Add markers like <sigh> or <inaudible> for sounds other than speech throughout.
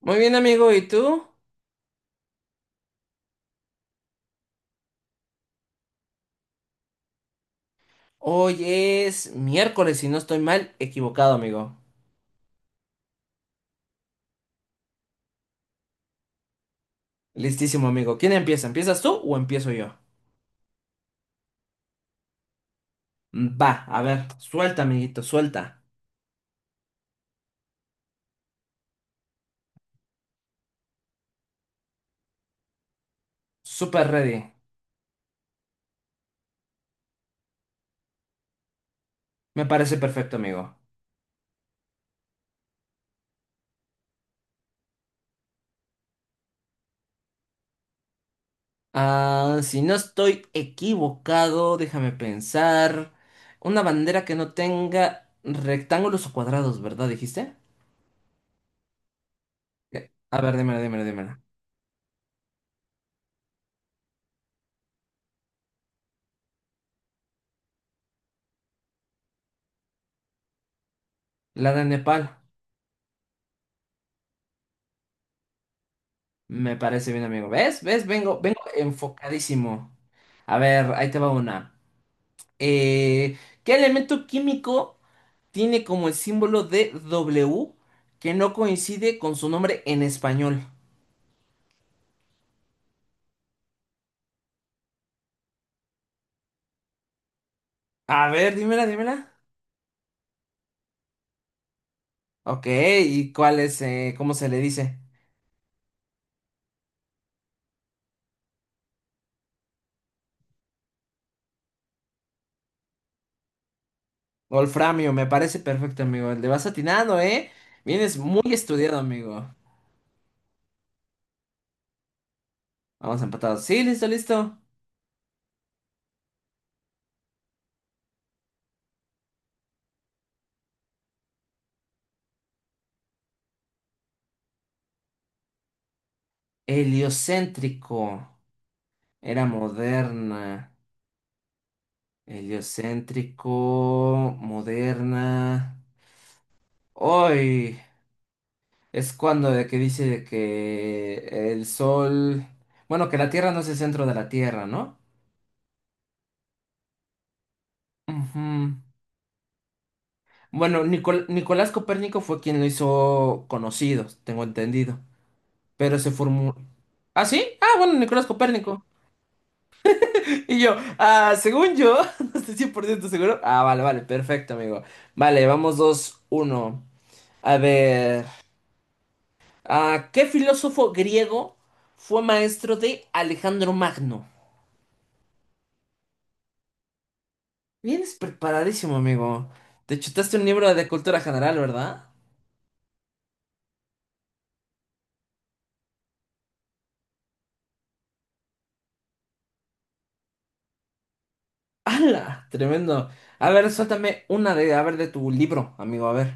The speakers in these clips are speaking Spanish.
Muy bien, amigo, ¿y tú? Hoy es miércoles, si no estoy mal, equivocado, amigo. Listísimo, amigo. ¿Quién empieza? ¿Empiezas tú o empiezo yo? Va, a ver, suelta, amiguito, suelta. Super ready. Me parece perfecto, amigo. Ah, si no estoy equivocado, déjame pensar. Una bandera que no tenga rectángulos o cuadrados, ¿verdad? ¿Dijiste? A ver, dímela, dímela, dímela. La de Nepal. Me parece bien, amigo. ¿Ves? ¿Ves? Vengo, vengo enfocadísimo. A ver, ahí te va una. Eh, ¿Qué elemento químico tiene como el símbolo de W que no coincide con su nombre en español? A ver, dímela, dímela. Ok, ¿y cuál es, cómo se le dice? Wolframio, me parece perfecto, amigo. Le vas atinado, ¿eh? Vienes muy estudiado, amigo. Vamos empatados. Sí, listo, listo. Heliocéntrico. Era moderna. Heliocéntrico, moderna. Hoy es cuando de que dice de que el sol, bueno, que la Tierra no es el centro de la Tierra, ¿no? Ujú. Bueno, Nicolás Copérnico fue quien lo hizo conocido, tengo entendido. Pero se formó. ¿Ah, sí? Ah, bueno, Nicolás Copérnico. <laughs> Y yo, ah, según yo, <laughs> no estoy 100% seguro. Ah, vale, vale, perfecto, amigo. Vale, vamos 2-1. A ver. Ah, ¿qué filósofo griego fue maestro de Alejandro Magno? Vienes preparadísimo, amigo. Te chutaste un libro de cultura general, ¿verdad? ¡Hala! Tremendo. A ver, suéltame una de, a ver, de tu libro, amigo, a ver.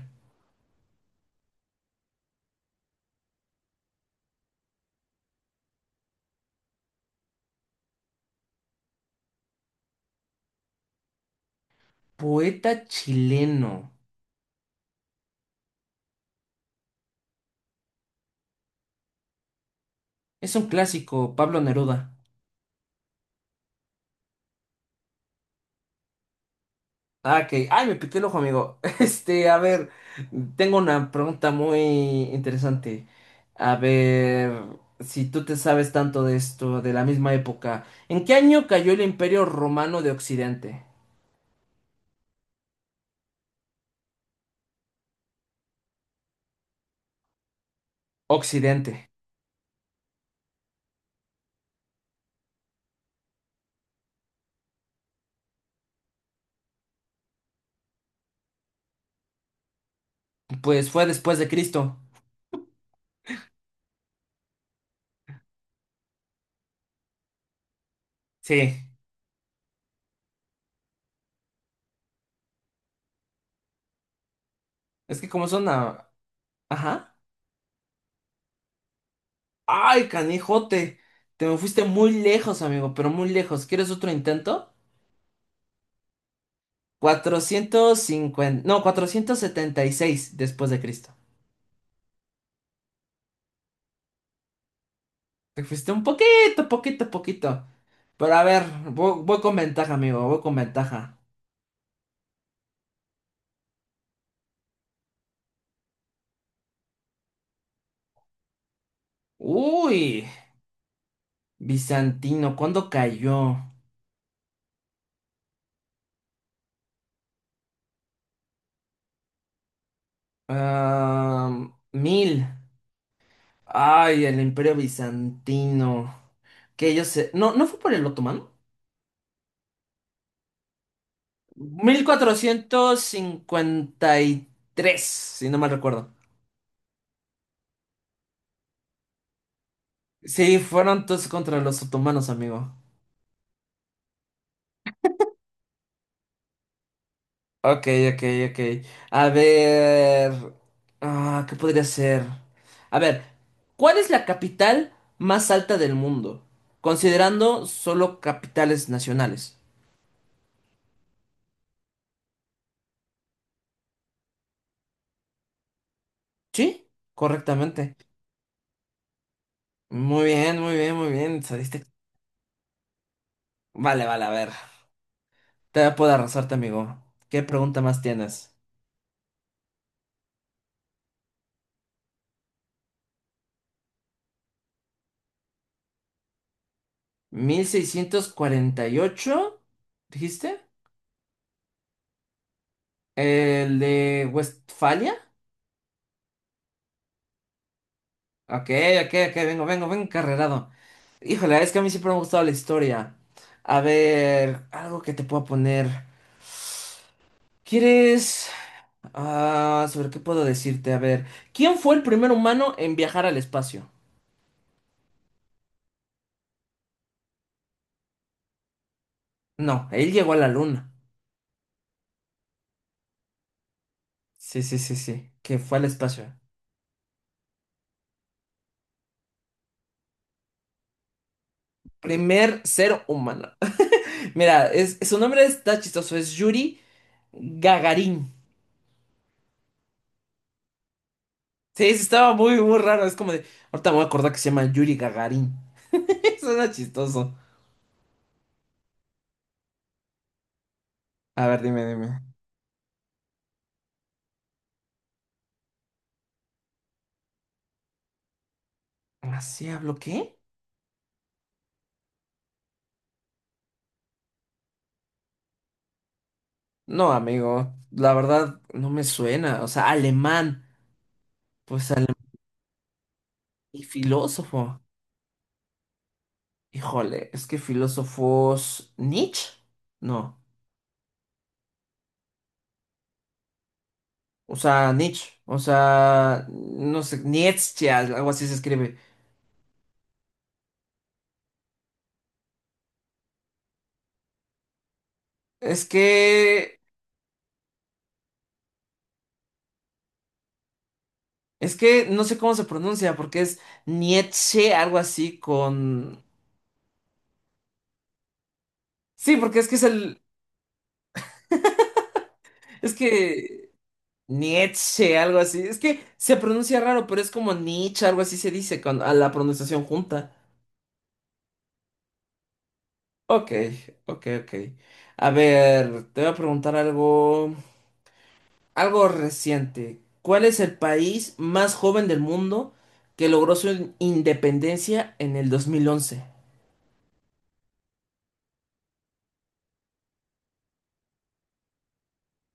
Poeta chileno. Es un clásico, Pablo Neruda. Ah, ok. Ay, me pité el ojo, amigo. <laughs> Este, a ver, tengo una pregunta muy interesante. A ver, si tú te sabes tanto de esto, de la misma época, ¿en qué año cayó el Imperio Romano de Occidente? Occidente. Pues fue después de Cristo. Sí. Es que como son a... Ajá. Ay, canijote. Te me fuiste muy lejos, amigo, pero muy lejos. ¿Quieres otro intento? 450. No, 476 después de Cristo. Te fuiste un poquito, poquito, poquito. Pero a ver, voy, voy con ventaja, amigo, voy con ventaja. Uy, bizantino, ¿cuándo cayó? Ah, mil. Ay, el Imperio Bizantino. Que yo sé. No, ¿no fue por el otomano? 1453 si no mal recuerdo. Sí, fueron todos contra los otomanos, amigo. Ok, ok, ok. A ver. Ah, ¿qué podría ser? A ver, ¿cuál es la capital más alta del mundo? Considerando solo capitales nacionales. ¿Sí? Correctamente. Muy bien, muy bien, muy bien. Saliste. Vale, vale, a ver. Te puedo arrasarte, amigo. ¿Qué pregunta más tienes? 1648, ¿dijiste? ¿El de Westfalia? Ok, ok, ok, vengo, vengo, vengo carrerado. Híjole, es que a mí siempre me ha gustado la historia. A ver, algo que te puedo poner. ¿Quieres? Ah, ¿sobre qué puedo decirte? A ver, ¿quién fue el primer humano en viajar al espacio? No, él llegó a la luna. Sí, sí, sí, sí, que fue al espacio. Primer ser humano. <laughs> Mira, es, su nombre está chistoso, es Yuri Gagarin. Sí, sí, estaba muy, muy raro. Es como de. Ahorita me voy a acordar que se llama Yuri Gagarin. <laughs> Suena chistoso. A ver, dime, dime. ¿Así hablo qué? No, amigo, la verdad no me suena. O sea, alemán, pues alemán y filósofo. Híjole, es que filósofos. ¿Nietzsche? No, o sea, Nietzsche, o sea, no sé, Nietzsche, algo así se escribe. Es que, es que no sé cómo se pronuncia, porque es Nietzsche, algo así con. Sí, porque es que es el. Es que Nietzsche, algo así. Es que se pronuncia raro, pero es como Nietzsche, algo así se dice con, a la pronunciación junta. Ok, ok, ok. A ver, te voy a preguntar algo, algo reciente. ¿Cuál es el país más joven del mundo que logró su independencia en el 2011?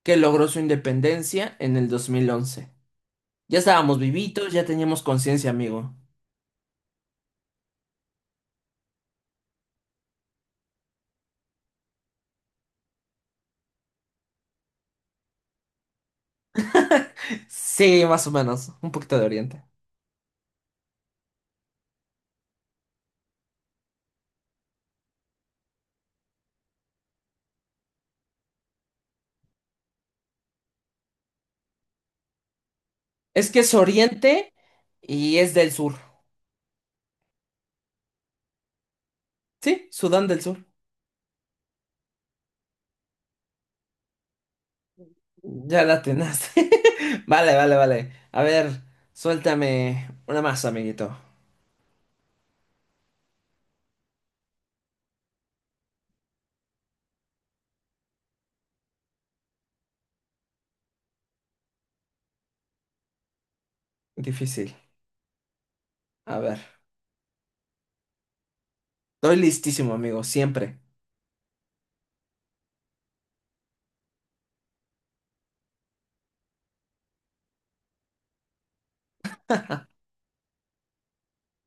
Que logró su independencia en el 2011. Ya estábamos vivitos, ya teníamos conciencia, amigo. <laughs> Sí, más o menos, un poquito de Oriente. Es que es Oriente y es del sur. Sí, Sudán del Sur. Ya la atinaste. <laughs> Vale, vale, vale. A ver, suéltame una más, amiguito. Difícil. A ver. Estoy listísimo, amigo, siempre.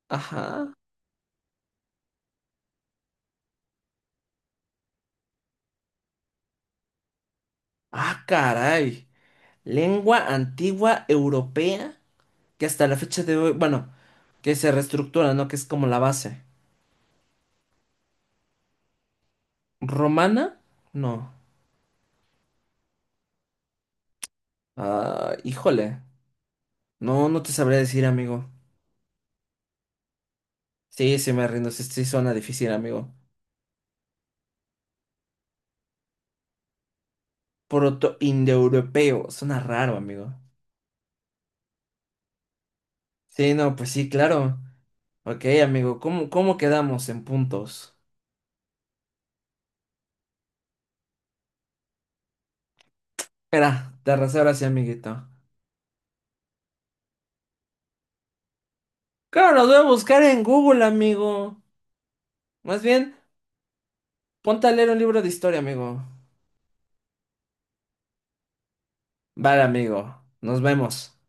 Ajá. Ah, caray. Lengua antigua europea que hasta la fecha de hoy, bueno, que se reestructura, ¿no? Que es como la base. ¿Romana? No. Ah, híjole. No, no te sabría decir, amigo. Sí, sí me rindo. Sí, sí suena difícil, amigo. Proto-indoeuropeo. Suena raro, amigo. Sí, no, pues sí, claro. Ok, amigo, ¿cómo quedamos en puntos? Espera, te arrasé ahora sí, amiguito. Claro, lo voy a buscar en Google, amigo. Más bien, ponte a leer un libro de historia, amigo. Vale, amigo. Nos vemos.